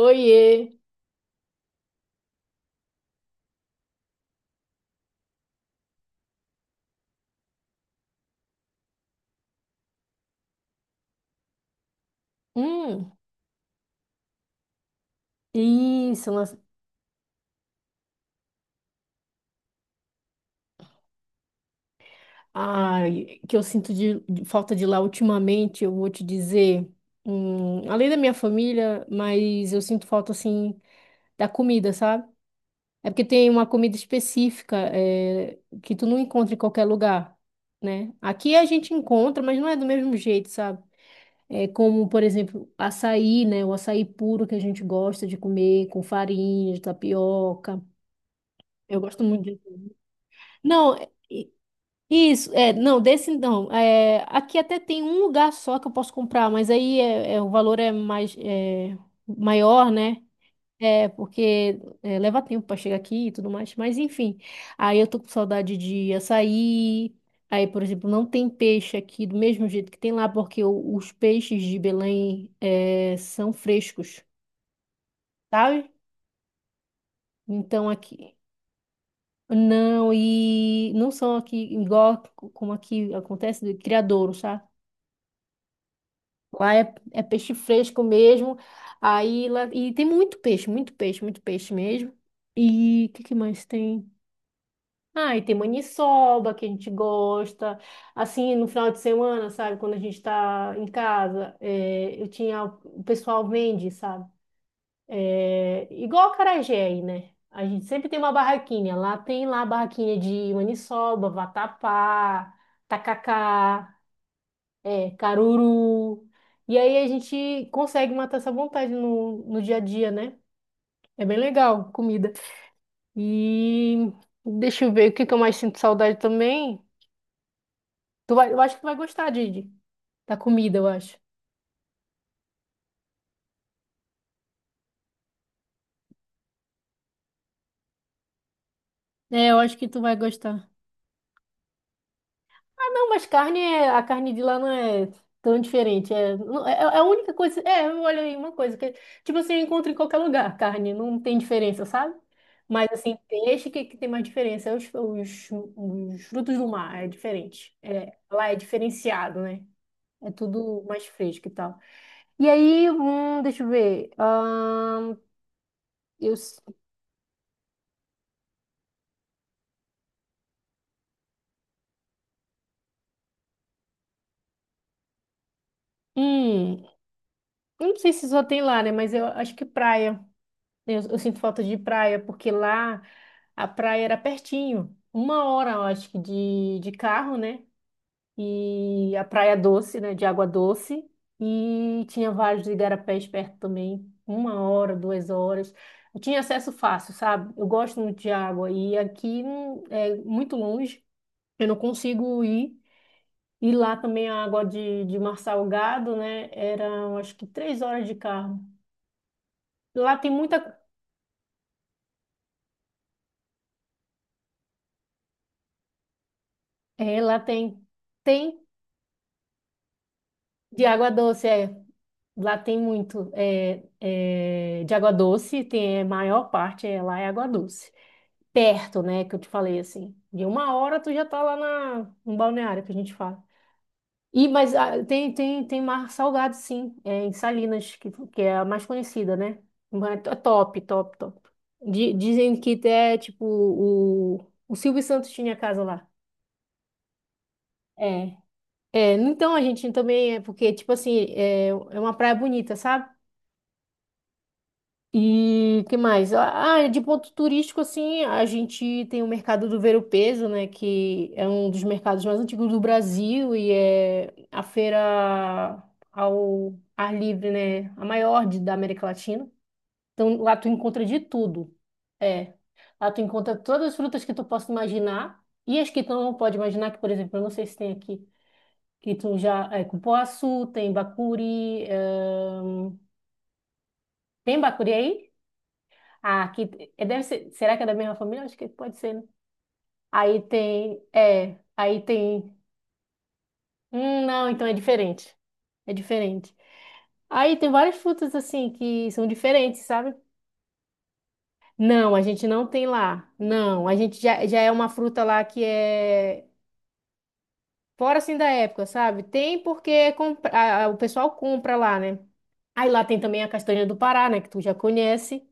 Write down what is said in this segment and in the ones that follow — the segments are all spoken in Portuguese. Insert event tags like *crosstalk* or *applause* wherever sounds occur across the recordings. Oiê! Hum, isso, mas... Ai, que eu sinto de falta de lá ultimamente, eu vou te dizer, além da minha família, mas eu sinto falta, assim, da comida, sabe? É porque tem uma comida específica, que tu não encontra em qualquer lugar, né? Aqui a gente encontra, mas não é do mesmo jeito, sabe? É como, por exemplo, açaí, né? O açaí puro que a gente gosta de comer, com farinha, de tapioca. Eu gosto muito de... Não, é, isso, é, não, desse não. É, aqui até tem um lugar só que eu posso comprar, mas aí é, o valor é mais maior, né? É, porque leva tempo para chegar aqui e tudo mais. Mas enfim, aí eu tô com saudade de açaí. Aí, por exemplo, não tem peixe aqui do mesmo jeito que tem lá, porque os peixes de Belém são frescos, sabe? Então aqui. Não, e não são aqui igual como aqui acontece de criadouro, sabe? Lá é peixe fresco mesmo. Aí lá, e tem muito peixe, muito peixe, muito peixe mesmo. E o que, que mais tem? Ah, e tem maniçoba que a gente gosta. Assim, no final de semana, sabe? Quando a gente tá em casa, eu tinha. O pessoal vende, sabe? É, igual a acarajé aí, né? A gente sempre tem uma barraquinha. Lá tem lá a barraquinha de maniçoba, vatapá, tacacá. É, caruru. E aí a gente consegue matar essa vontade no dia a dia, né? É bem legal, comida. E deixa eu ver o que que eu mais sinto saudade também. Tu vai, eu acho que tu vai gostar, Didi, da comida, eu acho. É, eu acho que tu vai gostar. Não, mas carne é, a carne de lá não é tão diferente. É, é a única coisa. É, olha aí uma coisa que tipo assim, eu encontro em qualquer lugar, carne, não tem diferença, sabe? Mas assim, peixe que tem mais diferença, é os frutos do mar é diferente. É, lá é diferenciado, né? É tudo mais fresco e tal. E aí, deixa eu ver. Eu, s- hum, eu não sei se só tem lá, né? Mas eu acho que praia. Eu sinto falta de praia, porque lá a praia era pertinho. Uma hora, eu acho que, de carro, né? E a praia doce, né? De água doce. E tinha vários igarapés perto também. Uma hora, 2 horas. Eu tinha acesso fácil, sabe? Eu gosto muito de água. E aqui é muito longe. Eu não consigo ir. E lá também a água de mar salgado, né? Era, eu acho que, 3 horas de carro. Lá tem muita... É, lá tem... Tem. De água doce, é. Lá tem muito de água doce, tem a maior parte lá é água doce. Perto, né, que eu te falei assim. De uma hora tu já tá lá no balneário que a gente fala. E, mas ah, tem mar salgado, sim, em Salinas, que é a mais conhecida, né? Mas é top, top, top. Dizem que até, tipo, o Silvio Santos tinha casa lá. É. É, então a gente também é porque, tipo assim, é uma praia bonita, sabe? E que mais? Ah, de ponto turístico, assim, a gente tem o mercado do Ver-o-Peso, né? Que é um dos mercados mais antigos do Brasil e é a feira ao ar livre, né? A maior da América Latina. Então, lá tu encontra de tudo. É. Lá tu encontra todas as frutas que tu possa imaginar e as que tu não pode imaginar, que, por exemplo, eu não sei se tem aqui, que tu já... É cupuaçu, tem bacuri... Tem bacuri aí? Ah, aqui deve ser. Será que é da mesma família? Acho que pode ser, né? Aí tem. É, aí tem. Não, então é diferente. É diferente. Aí tem várias frutas assim que são diferentes, sabe? Não, a gente não tem lá. Não, a gente já é uma fruta lá que é fora assim da época, sabe? Tem porque compra, o pessoal compra lá, né? Aí lá tem também a castanha do Pará, né? Que tu já conhece.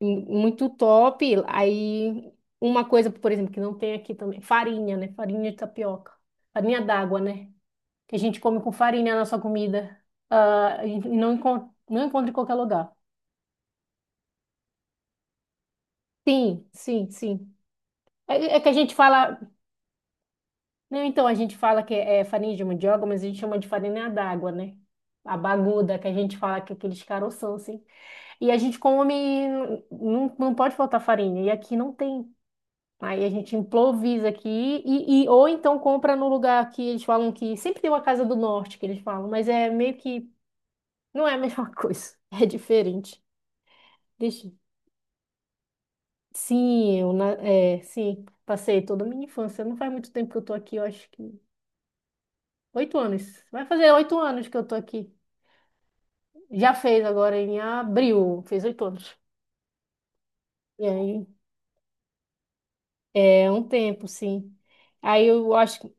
Muito top. Aí, uma coisa, por exemplo, que não tem aqui também, farinha, né? Farinha de tapioca. Farinha d'água, né? Que a gente come com farinha na nossa comida. Ah, e não encontra, não encontra em qualquer lugar. Sim, sim, sim. É, é que a gente fala. Não, então, a gente fala que é farinha de mandioca, mas a gente chama de farinha d'água, né? A baguda, que a gente fala que é aqueles caroção, assim. E a gente come. Não, não pode faltar farinha. E aqui não tem. Aí a gente improvisa aqui ou então compra no lugar que eles falam que sempre tem uma casa do norte que eles falam, mas é meio que não é a mesma *laughs* coisa, é diferente. Deixa. Sim, sim, passei toda a minha infância. Não faz muito tempo que eu tô aqui, eu acho que 8 anos. Vai fazer 8 anos que eu tô aqui. Já fez agora em abril, fez 8 anos. E aí é um tempo, sim. Aí eu acho,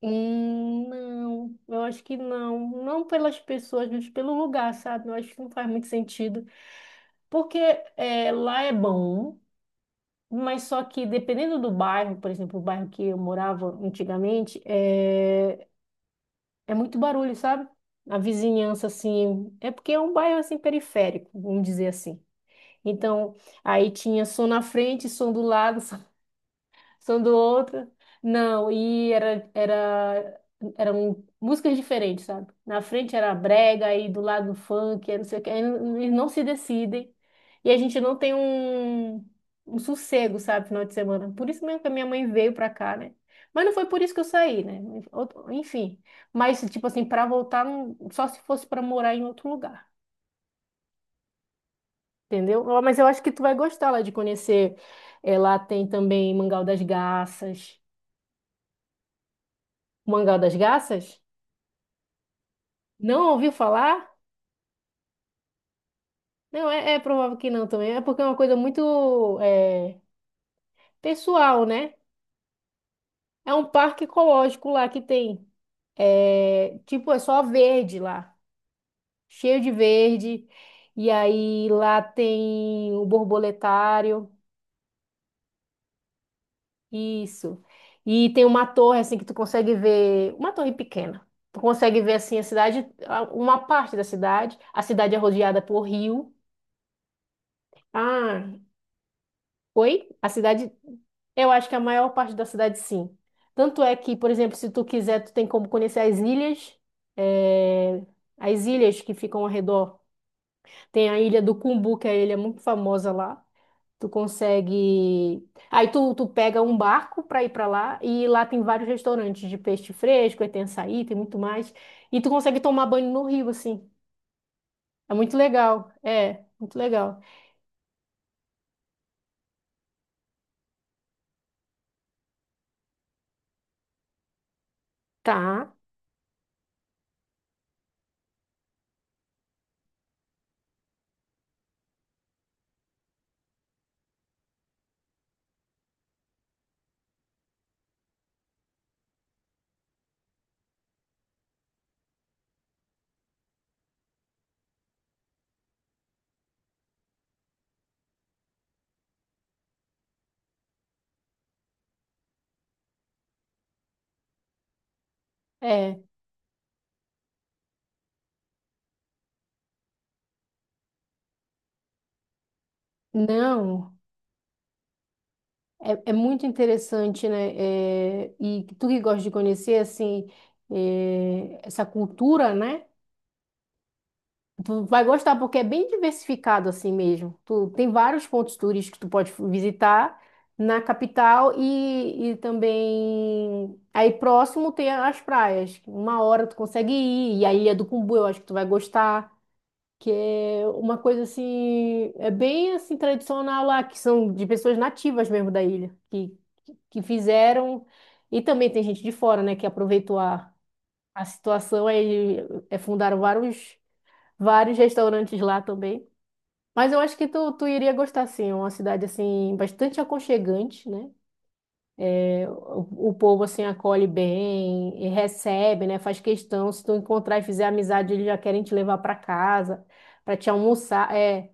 Não, eu acho que não. Não pelas pessoas, mas pelo lugar, sabe? Eu acho que não faz muito sentido. Porque lá é bom, mas só que dependendo do bairro, por exemplo, o bairro que eu morava antigamente, é muito barulho, sabe? A vizinhança, assim. É porque é um bairro, assim, periférico, vamos dizer assim. Então, aí tinha som na frente, som do lado, *laughs* São do outro. Não, e eram músicas diferentes, sabe? Na frente era brega, aí do lado funk, aí não sei o que. Eles não se decidem. E a gente não tem um sossego, sabe, final de semana. Por isso mesmo que a minha mãe veio pra cá, né? Mas não foi por isso que eu saí, né? Enfim. Mas, tipo assim, pra voltar, só se fosse pra morar em outro lugar. Entendeu? Ó, mas eu acho que tu vai gostar lá de conhecer. É, lá tem também Mangal das Garças. O Mangal das Garças? Não ouviu falar? Não, é provável que não também. É porque é uma coisa muito pessoal, né? É um parque ecológico lá que tem. É, tipo, é só verde lá. Cheio de verde. E aí lá tem o borboletário. Isso. E tem uma torre, assim, que tu consegue ver. Uma torre pequena. Tu consegue ver, assim, a cidade, uma parte da cidade. A cidade é rodeada por rio. Ah, oi? A cidade, eu acho que a maior parte da cidade sim. Tanto é que, por exemplo, se tu quiser, tu tem como conhecer as ilhas, eh, as ilhas que ficam ao redor. Tem a ilha do Cumbu, que é a ilha muito famosa lá. Tu consegue. Aí tu pega um barco para ir para lá e lá tem vários restaurantes de peixe fresco, aí tem açaí, tem muito mais. E tu consegue tomar banho no rio, assim. É muito legal. É, muito legal. Tá. É. Não. É muito interessante, né? É, e tu que gosta de conhecer, assim, essa cultura, né? Tu vai gostar porque é bem diversificado assim mesmo. Tu tem vários pontos turísticos que tu pode visitar na capital e também aí próximo tem as praias. Uma hora tu consegue ir e a Ilha do Cumbu eu acho que tu vai gostar que é uma coisa assim, é bem assim tradicional lá, que são de pessoas nativas mesmo da ilha, que fizeram, e também tem gente de fora, né, que aproveitou a situação, aí fundaram vários, vários restaurantes lá também. Mas eu acho que tu iria gostar, sim, é uma cidade assim, bastante aconchegante, né? É, o povo assim acolhe bem, e recebe, né? Faz questão, se tu encontrar e fizer amizade, eles já querem te levar para casa, para te almoçar,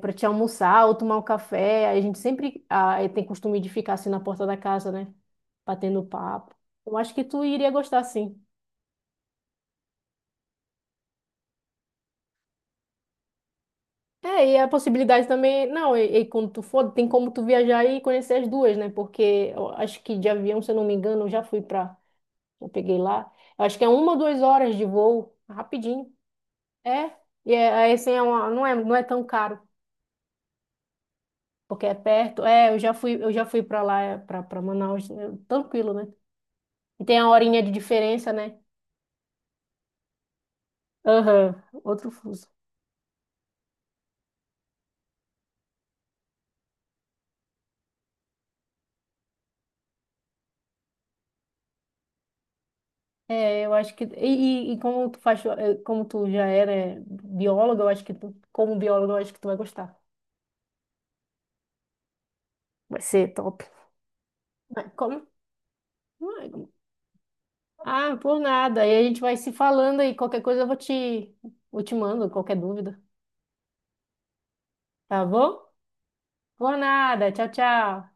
para te almoçar ou tomar um café. A gente sempre tem costume de ficar assim na porta da casa, né? Batendo papo. Eu acho que tu iria gostar, sim. É, e a possibilidade também, não, e quando tu for, tem como tu viajar e conhecer as duas, né? Porque eu acho que de avião, se eu não me engano, eu já fui pra, eu peguei lá. Eu acho que é uma ou duas horas de voo, rapidinho. É, e é, aí, assim, é uma, não é, não é tão caro, porque é perto. É, eu já fui pra lá, é, pra Manaus, é, tranquilo, né? E tem a horinha de diferença, né? Aham, outro fuso. É, eu acho que. E como tu faz, como tu já era bióloga, eu acho que tu, como bióloga, eu acho que tu vai gostar. Vai ser top. Mas como? Ah, por nada. Aí a gente vai se falando e qualquer coisa eu vou te, eu te mando, qualquer dúvida. Tá bom? Por nada. Tchau, tchau.